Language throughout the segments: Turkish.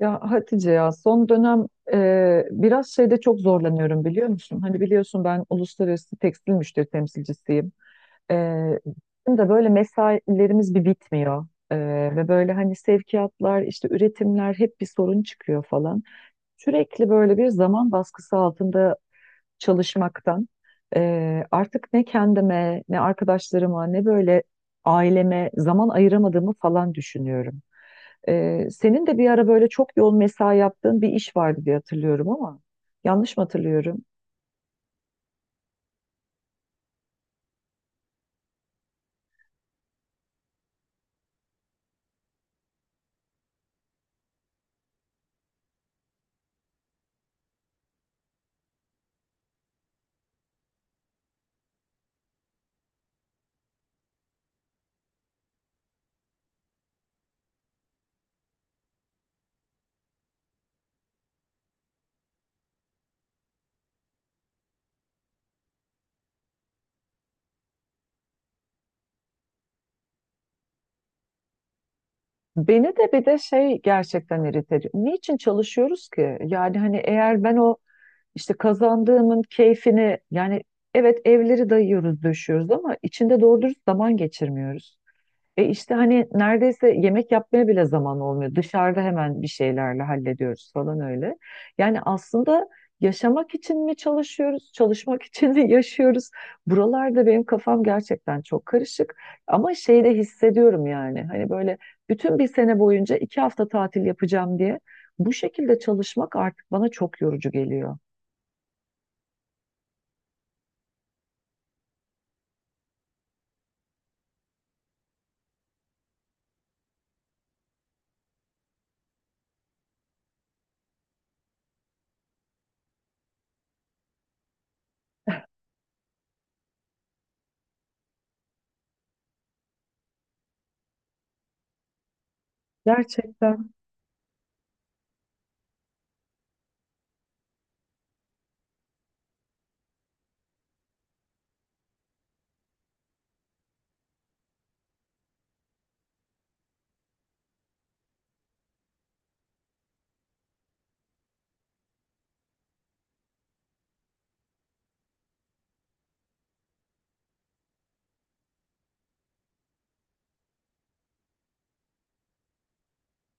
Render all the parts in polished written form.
Ya Hatice ya son dönem biraz şeyde çok zorlanıyorum, biliyor musun? Hani biliyorsun ben uluslararası tekstil müşteri temsilcisiyim. E, Bizim de böyle mesailerimiz bir bitmiyor. E, Ve böyle hani sevkiyatlar işte üretimler hep bir sorun çıkıyor falan. Sürekli böyle bir zaman baskısı altında çalışmaktan artık ne kendime ne arkadaşlarıma ne böyle aileme zaman ayıramadığımı falan düşünüyorum. Senin de bir ara böyle çok yoğun mesai yaptığın bir iş vardı diye hatırlıyorum ama yanlış mı hatırlıyorum? Beni de bir de şey gerçekten irite ediyor. Niçin çalışıyoruz ki? Yani hani eğer ben o işte kazandığımın keyfini yani evet evleri dayıyoruz, döşüyoruz ama içinde doğru dürüst zaman geçirmiyoruz. İşte hani neredeyse yemek yapmaya bile zaman olmuyor. Dışarıda hemen bir şeylerle hallediyoruz falan öyle. Yani aslında yaşamak için mi çalışıyoruz, çalışmak için mi yaşıyoruz? Buralarda benim kafam gerçekten çok karışık. Ama şeyi de hissediyorum yani. Hani böyle bütün bir sene boyunca 2 hafta tatil yapacağım diye bu şekilde çalışmak artık bana çok yorucu geliyor. Gerçekten.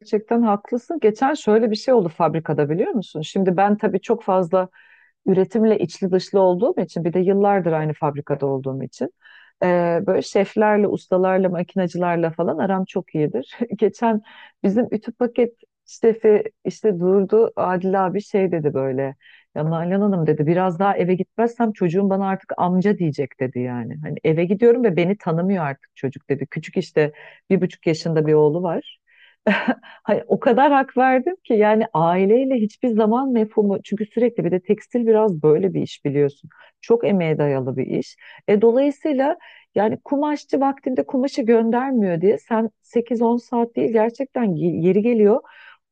Gerçekten haklısın. Geçen şöyle bir şey oldu fabrikada, biliyor musun? Şimdi ben tabii çok fazla üretimle içli dışlı olduğum için bir de yıllardır aynı fabrikada olduğum için e, böyle şeflerle, ustalarla, makinacılarla falan aram çok iyidir. Geçen bizim ütü paket şefi işte durdu, Adil abi şey dedi böyle, ya Nalan Hanım dedi, biraz daha eve gitmezsem çocuğum bana artık amca diyecek dedi yani. Hani eve gidiyorum ve beni tanımıyor artık çocuk dedi. Küçük işte 1,5 yaşında bir oğlu var. Hayır, o kadar hak verdim ki yani aileyle hiçbir zaman mefhumu, çünkü sürekli bir de tekstil biraz böyle bir iş biliyorsun. Çok emeğe dayalı bir iş. Dolayısıyla yani kumaşçı vaktinde kumaşı göndermiyor diye sen 8-10 saat değil gerçekten yeri geliyor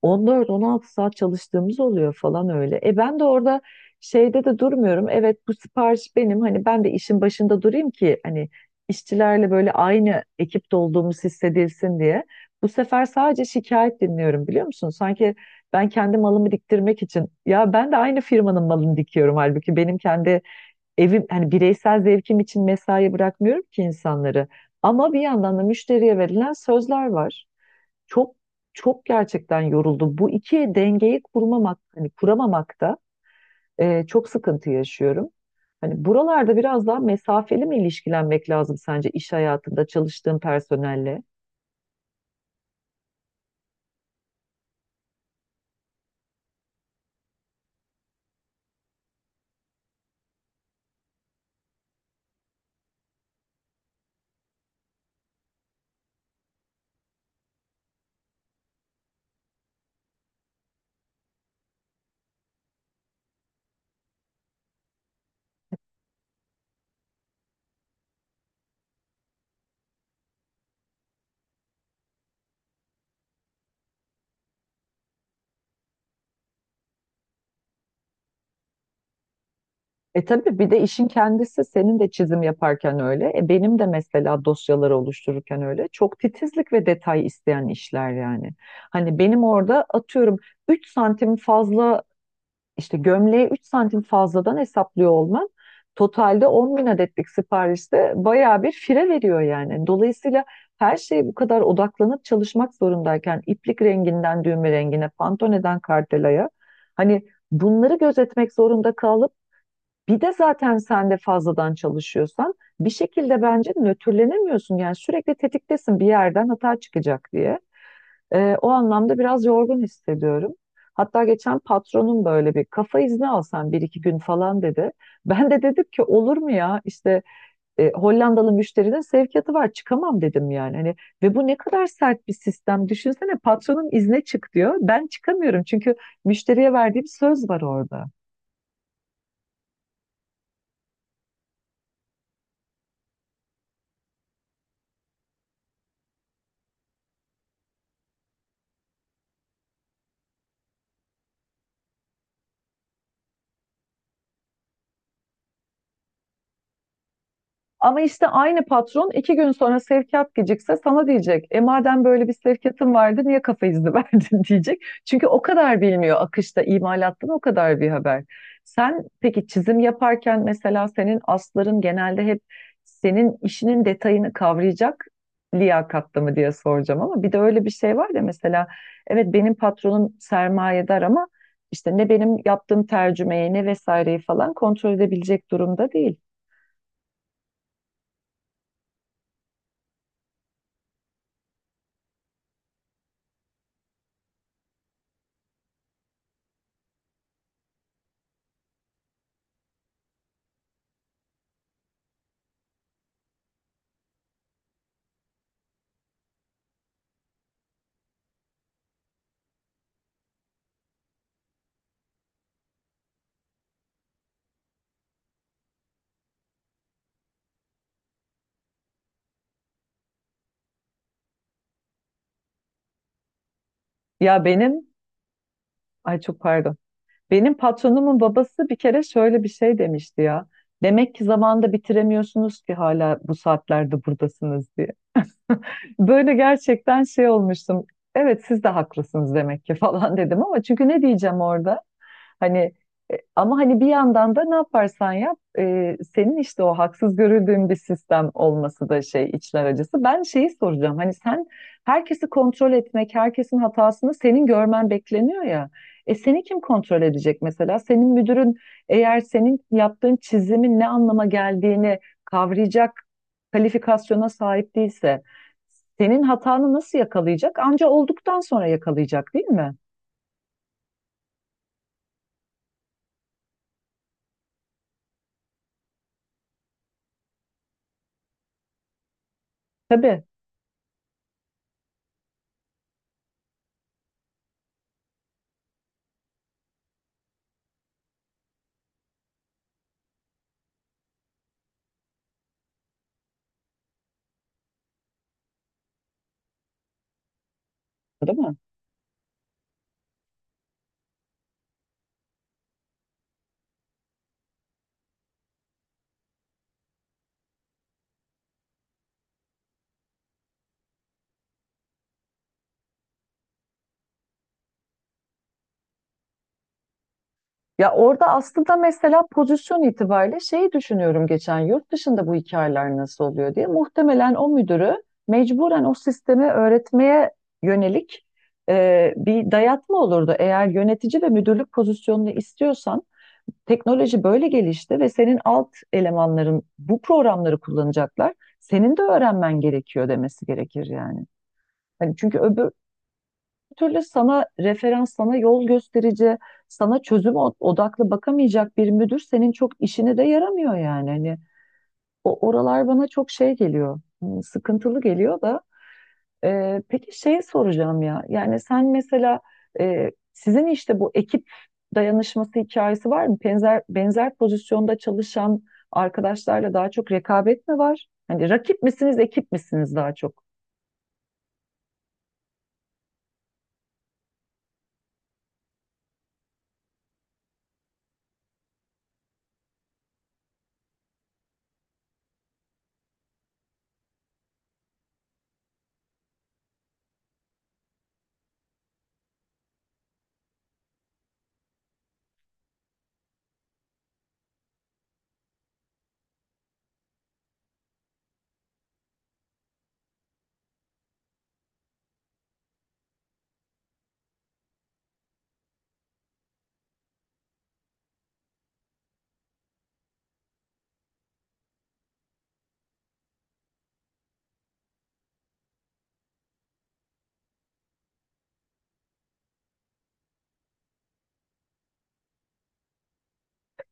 14-16 saat çalıştığımız oluyor falan öyle. Ben de orada şeyde de durmuyorum. Evet bu sipariş benim, hani ben de işin başında durayım ki hani işçilerle böyle aynı ekipte olduğumuz hissedilsin diye. Bu sefer sadece şikayet dinliyorum, biliyor musun? Sanki ben kendi malımı diktirmek için, ya ben de aynı firmanın malını dikiyorum, halbuki benim kendi evim hani bireysel zevkim için mesai bırakmıyorum ki insanları. Ama bir yandan da müşteriye verilen sözler var. Çok çok gerçekten yoruldum. Bu iki dengeyi kurmamak, hani kuramamakta çok sıkıntı yaşıyorum. Hani buralarda biraz daha mesafeli mi ilişkilenmek lazım sence iş hayatında çalıştığın personelle? Tabii bir de işin kendisi, senin de çizim yaparken öyle. Benim de mesela dosyaları oluştururken öyle. Çok titizlik ve detay isteyen işler yani. Hani benim orada atıyorum 3 santim fazla, İşte gömleği 3 santim fazladan hesaplıyor olman totalde 10.000 adetlik siparişte bayağı bir fire veriyor yani. Dolayısıyla her şeye bu kadar odaklanıp çalışmak zorundayken iplik renginden düğme rengine, pantoneden kartelaya hani bunları gözetmek zorunda kalıp bir de zaten sen de fazladan çalışıyorsan bir şekilde bence nötrlenemiyorsun. Yani sürekli tetiktesin, bir yerden hata çıkacak diye. O anlamda biraz yorgun hissediyorum. Hatta geçen patronum böyle bir kafa izni alsan bir iki gün falan dedi. Ben de dedim ki, olur mu ya işte, Hollandalı müşterinin sevkiyatı var, çıkamam dedim yani. Hani, ve bu ne kadar sert bir sistem. Düşünsene, patronun izne çık diyor. Ben çıkamıyorum çünkü müşteriye verdiğim söz var orada. Ama işte aynı patron iki gün sonra sevkiyat gecikse sana diyecek. Madem böyle bir sevkiyatın vardı niye kafa izni verdin diyecek. Çünkü o kadar bilmiyor, akışta imalattan o kadar bir haber. Sen peki çizim yaparken mesela senin asların genelde hep senin işinin detayını kavrayacak liyakatlı mı diye soracağım, ama bir de öyle bir şey var ya, mesela evet benim patronum sermayedar ama işte ne benim yaptığım tercümeyi ne vesaireyi falan kontrol edebilecek durumda değil. Ya benim, ay çok pardon. Benim patronumun babası bir kere şöyle bir şey demişti ya. Demek ki zamanda bitiremiyorsunuz ki hala bu saatlerde buradasınız diye. Böyle gerçekten şey olmuştum. Evet siz de haklısınız demek ki falan dedim, ama çünkü ne diyeceğim orada? Hani, ama hani bir yandan da ne yaparsan yap, senin işte o haksız görüldüğün bir sistem olması da şey içler acısı. Ben şeyi soracağım. Hani sen herkesi kontrol etmek, herkesin hatasını senin görmen bekleniyor ya. Seni kim kontrol edecek mesela? Senin müdürün eğer senin yaptığın çizimin ne anlama geldiğini kavrayacak kalifikasyona sahip değilse senin hatanı nasıl yakalayacak? Anca olduktan sonra yakalayacak değil mi? Tabii. Değil mi? Ya orada aslında mesela pozisyon itibariyle şeyi düşünüyorum, geçen yurt dışında bu hikayeler nasıl oluyor diye. Muhtemelen o müdürü mecburen o sistemi öğretmeye yönelik bir dayatma olurdu. Eğer yönetici ve müdürlük pozisyonunu istiyorsan teknoloji böyle gelişti ve senin alt elemanların bu programları kullanacaklar. Senin de öğrenmen gerekiyor demesi gerekir yani. Hani çünkü öbür türlü sana referans, sana yol gösterici, sana çözüm odaklı bakamayacak bir müdür senin çok işine de yaramıyor yani. Hani o oralar bana çok şey geliyor, sıkıntılı geliyor da peki şey soracağım ya. Yani sen mesela, sizin işte bu ekip dayanışması hikayesi var mı? Benzer benzer pozisyonda çalışan arkadaşlarla daha çok rekabet mi var? Hani rakip misiniz, ekip misiniz daha çok?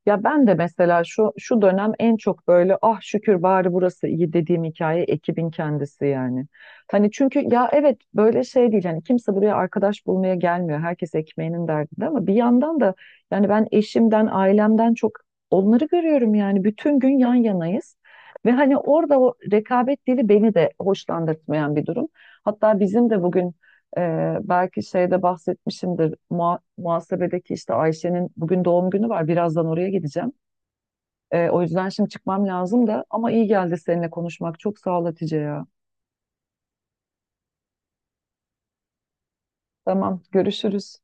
Ya ben de mesela şu dönem en çok böyle, ah şükür bari burası iyi dediğim hikaye ekibin kendisi yani. Hani çünkü ya evet böyle şey değil, hani kimse buraya arkadaş bulmaya gelmiyor. Herkes ekmeğinin derdinde ama bir yandan da yani ben eşimden, ailemden çok onları görüyorum yani, bütün gün yan yanayız. Ve hani orada o rekabet dili beni de hoşlandırtmayan bir durum. Hatta bizim de bugün, belki şeyde bahsetmişimdir. Muhasebedeki işte Ayşe'nin bugün doğum günü var. Birazdan oraya gideceğim. O yüzden şimdi çıkmam lazım da, ama iyi geldi seninle konuşmak. Çok sağ ol Hatice ya. Tamam, görüşürüz.